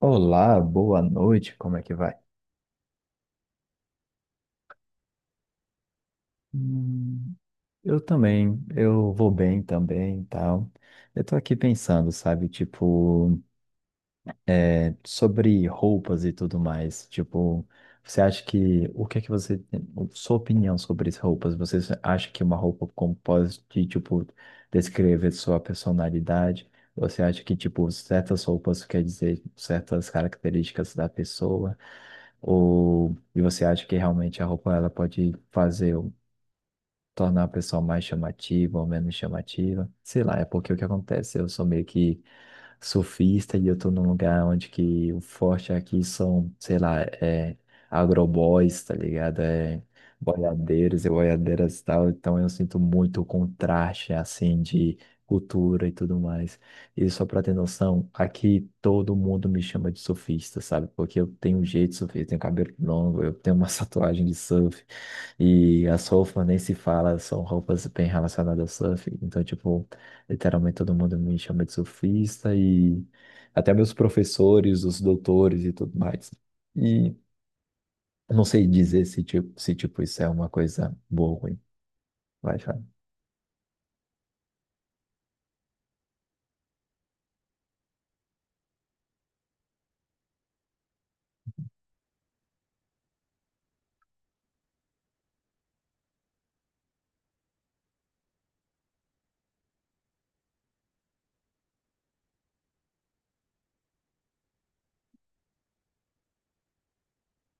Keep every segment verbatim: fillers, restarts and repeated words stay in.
Olá, boa noite, como é que vai? Hum, eu também, eu vou bem também e tal. Eu tô aqui pensando, sabe, tipo, é, sobre roupas e tudo mais. Tipo, você acha que, o que é que você, tem- sua opinião sobre as roupas? Você acha que uma roupa como pode, tipo, descrever sua personalidade? Você acha que, tipo, certas roupas quer dizer certas características da pessoa? Ou e você acha que realmente a roupa ela pode fazer ou tornar a pessoa mais chamativa ou menos chamativa? Sei lá, é porque o que acontece, eu sou meio que surfista e eu tô num lugar onde que o forte aqui são, sei lá, é agroboys, tá ligado? É boiadeiros e boiadeiras e tal. Então eu sinto muito o contraste, assim, de cultura e tudo mais. E só pra ter noção, aqui todo mundo me chama de surfista, sabe? Porque eu tenho um jeito de surfista, eu tenho cabelo longo, eu tenho uma tatuagem de surf. E as roupas nem se fala, são roupas bem relacionadas ao surf. Então, tipo, literalmente todo mundo me chama de surfista e até meus professores, os doutores e tudo mais. E não sei dizer se tipo, se, tipo isso é uma coisa boa ou ruim. Vai, Fábio.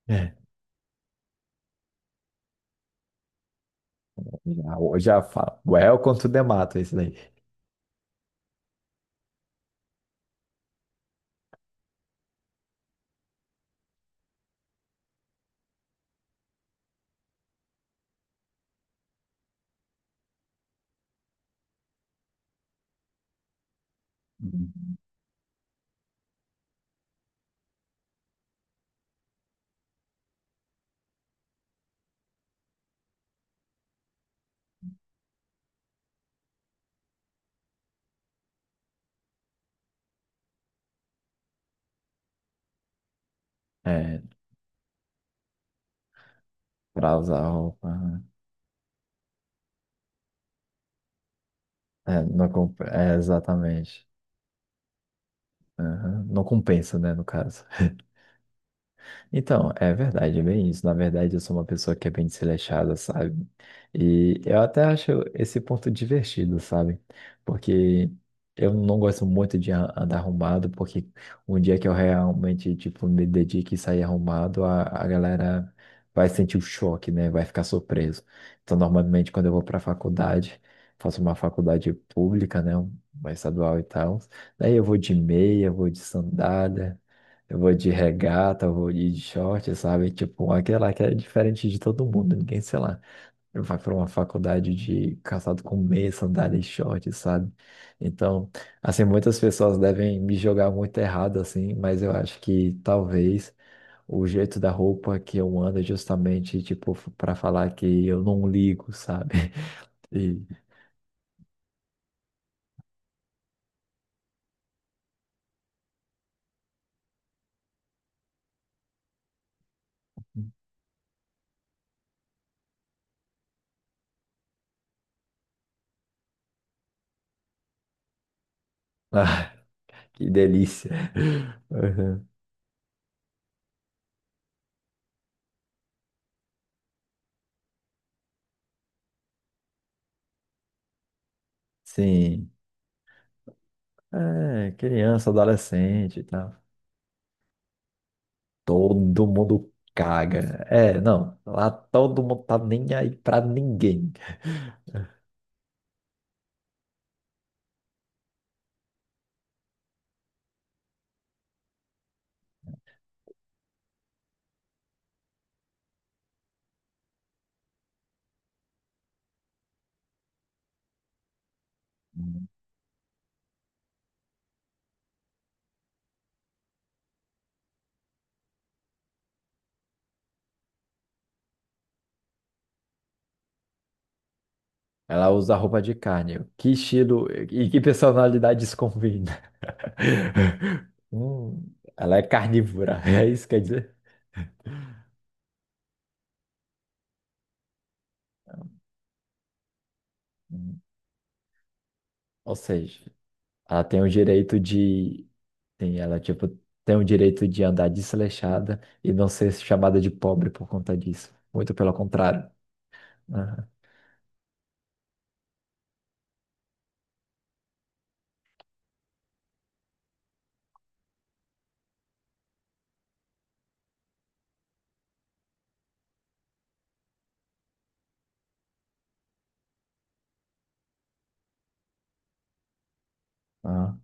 É. Já, já fala. Welcome to the mato, esse daí. Uhum. É, pra usar roupa. É, não, comp- é, exatamente. Aham. Não compensa, né, no caso. Então, é verdade, é bem isso. Na verdade, eu sou uma pessoa que é bem desleixada, sabe? E eu até acho esse ponto divertido, sabe? Porque eu não gosto muito de a- andar arrumado, porque um dia que eu realmente, tipo, me dedique e sair arrumado, a, a galera vai sentir o choque, né? Vai ficar surpreso. Então, normalmente, quando eu vou pra faculdade, faço uma faculdade pública, né? Uma estadual e tal. Daí eu vou de meia, vou de sandália. Eu vou de regata, eu vou de short, sabe? Tipo, aquela que é diferente de todo mundo, ninguém, sei lá, vai para uma faculdade de calçado com meia, sandália e short, sabe? Então, assim, muitas pessoas devem me jogar muito errado, assim, mas eu acho que talvez o jeito da roupa que eu ando é justamente, tipo, para falar que eu não ligo, sabe? E, ah, que delícia. Uhum. Sim. É, criança, adolescente e tal. Todo mundo caga. É, não. Lá todo mundo tá nem aí pra ninguém. Ela usa roupa de carne. Que estilo e que personalidade isso combina? Hum, ela é carnívora, é isso que quer dizer? Hum, Ou seja, ela tem o direito de. Tem, ela, tipo, tem o direito de andar desleixada e não ser chamada de pobre por conta disso. Muito pelo contrário. Aham. Ah,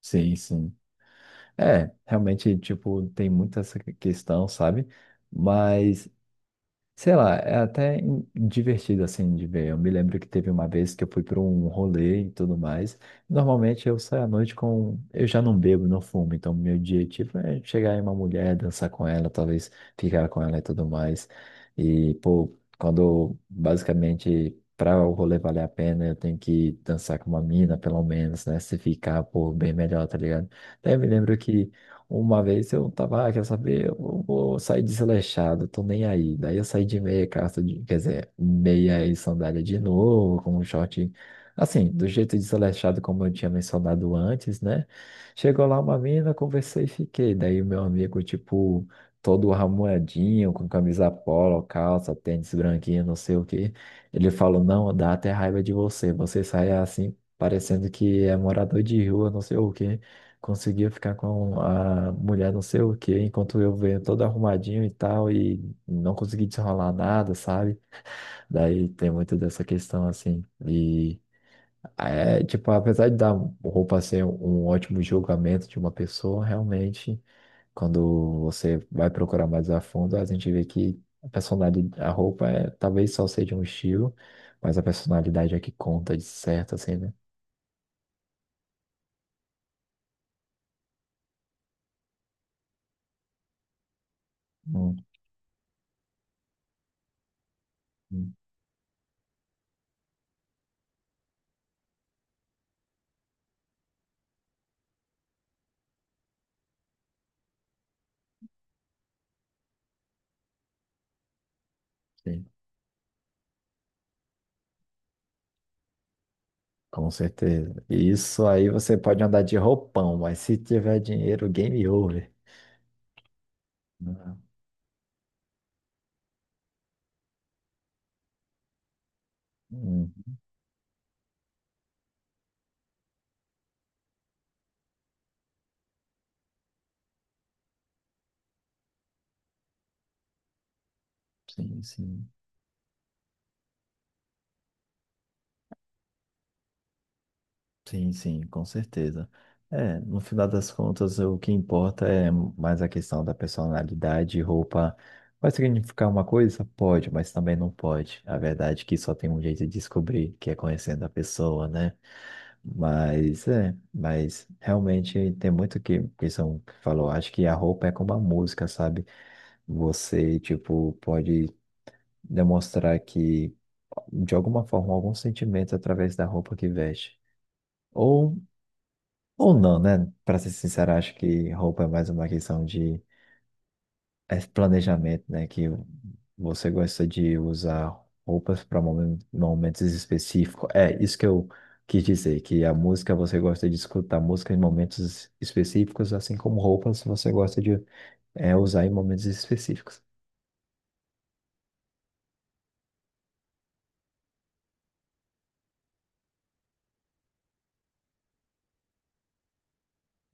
sim, sim. É, realmente, tipo, tem muita essa que- questão, sabe? Mas, sei lá, é até in- divertido, assim, de ver. Eu me lembro que teve uma vez que eu fui para um rolê e tudo mais. Normalmente eu saio à noite com... Eu já não bebo, não fumo, então meu objetivo é chegar em uma mulher, dançar com ela, talvez ficar com ela e tudo mais. E, pô, quando, basicamente... Para o rolê valer a pena, eu tenho que dançar com uma mina, pelo menos, né? Se ficar, pô, bem melhor, tá ligado? Daí eu me lembro que uma vez eu tava, ah, quer saber? Eu vou sair desleixado, tô nem aí. Daí eu saí de meia calça, de, quer dizer, meia e sandália de novo, com um short. Assim, do jeito desleixado como eu tinha mencionado antes, né? Chegou lá uma mina, conversei e fiquei. Daí o meu amigo, tipo, todo ramoadinho com camisa polo, calça, tênis branquinho, não sei o quê. Ele falou, não, dá até raiva de você. Você sai assim, parecendo que é morador de rua, não sei o quê conseguia ficar com a mulher não sei o quê, enquanto eu venho todo arrumadinho e tal, e não consegui desenrolar nada, sabe? Daí tem muito dessa questão assim. E é, tipo, apesar de dar roupa ser um ótimo julgamento de uma pessoa, realmente, quando você vai procurar mais a fundo, a gente vê que a personalidade, a roupa é, talvez só seja um estilo, mas a personalidade é que conta de certo, assim, né? Hum, hum, sim. Com certeza. E isso aí você pode andar de roupão, mas se tiver dinheiro, game over. Né? Hum, sim, sim. Sim, sim, com certeza. É, no final das contas, o que importa é mais a questão da personalidade. Roupa vai significar uma coisa? Pode, mas também não pode. A verdade é que só tem um jeito de descobrir, que é conhecendo a pessoa, né? Mas é, mas realmente tem muito que que são que falou. Acho que a roupa é como a música, sabe? Você, tipo, pode demonstrar que, de alguma forma, algum sentimento através da roupa que veste. Ou, ou não, né? Para ser sincero, acho que roupa é mais uma questão de é planejamento, né? Que você gosta de usar roupas para momentos específicos. É isso que eu quis dizer, que a música você gosta de escutar música em momentos específicos, assim como roupas você gosta de é, usar em momentos específicos.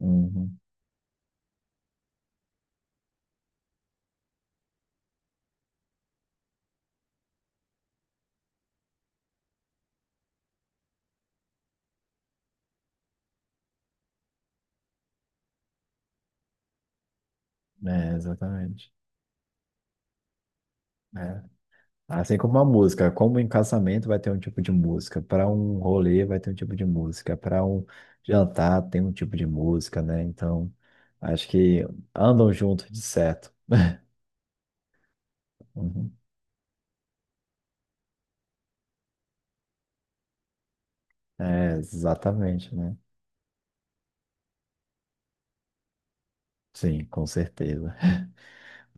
Uhum. É, exatamente. É. Assim como uma música, como em casamento vai ter um tipo de música, para um rolê vai ter um tipo de música, para um jantar tem um tipo de música, né? Então, acho que andam juntos de certo. Uhum. É, exatamente, né? Sim, com certeza.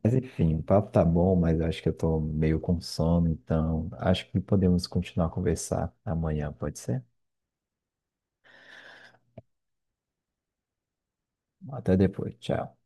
Mas enfim, o papo tá bom, mas eu acho que eu tô meio com sono, então acho que podemos continuar a conversar amanhã, pode ser? Até depois, tchau.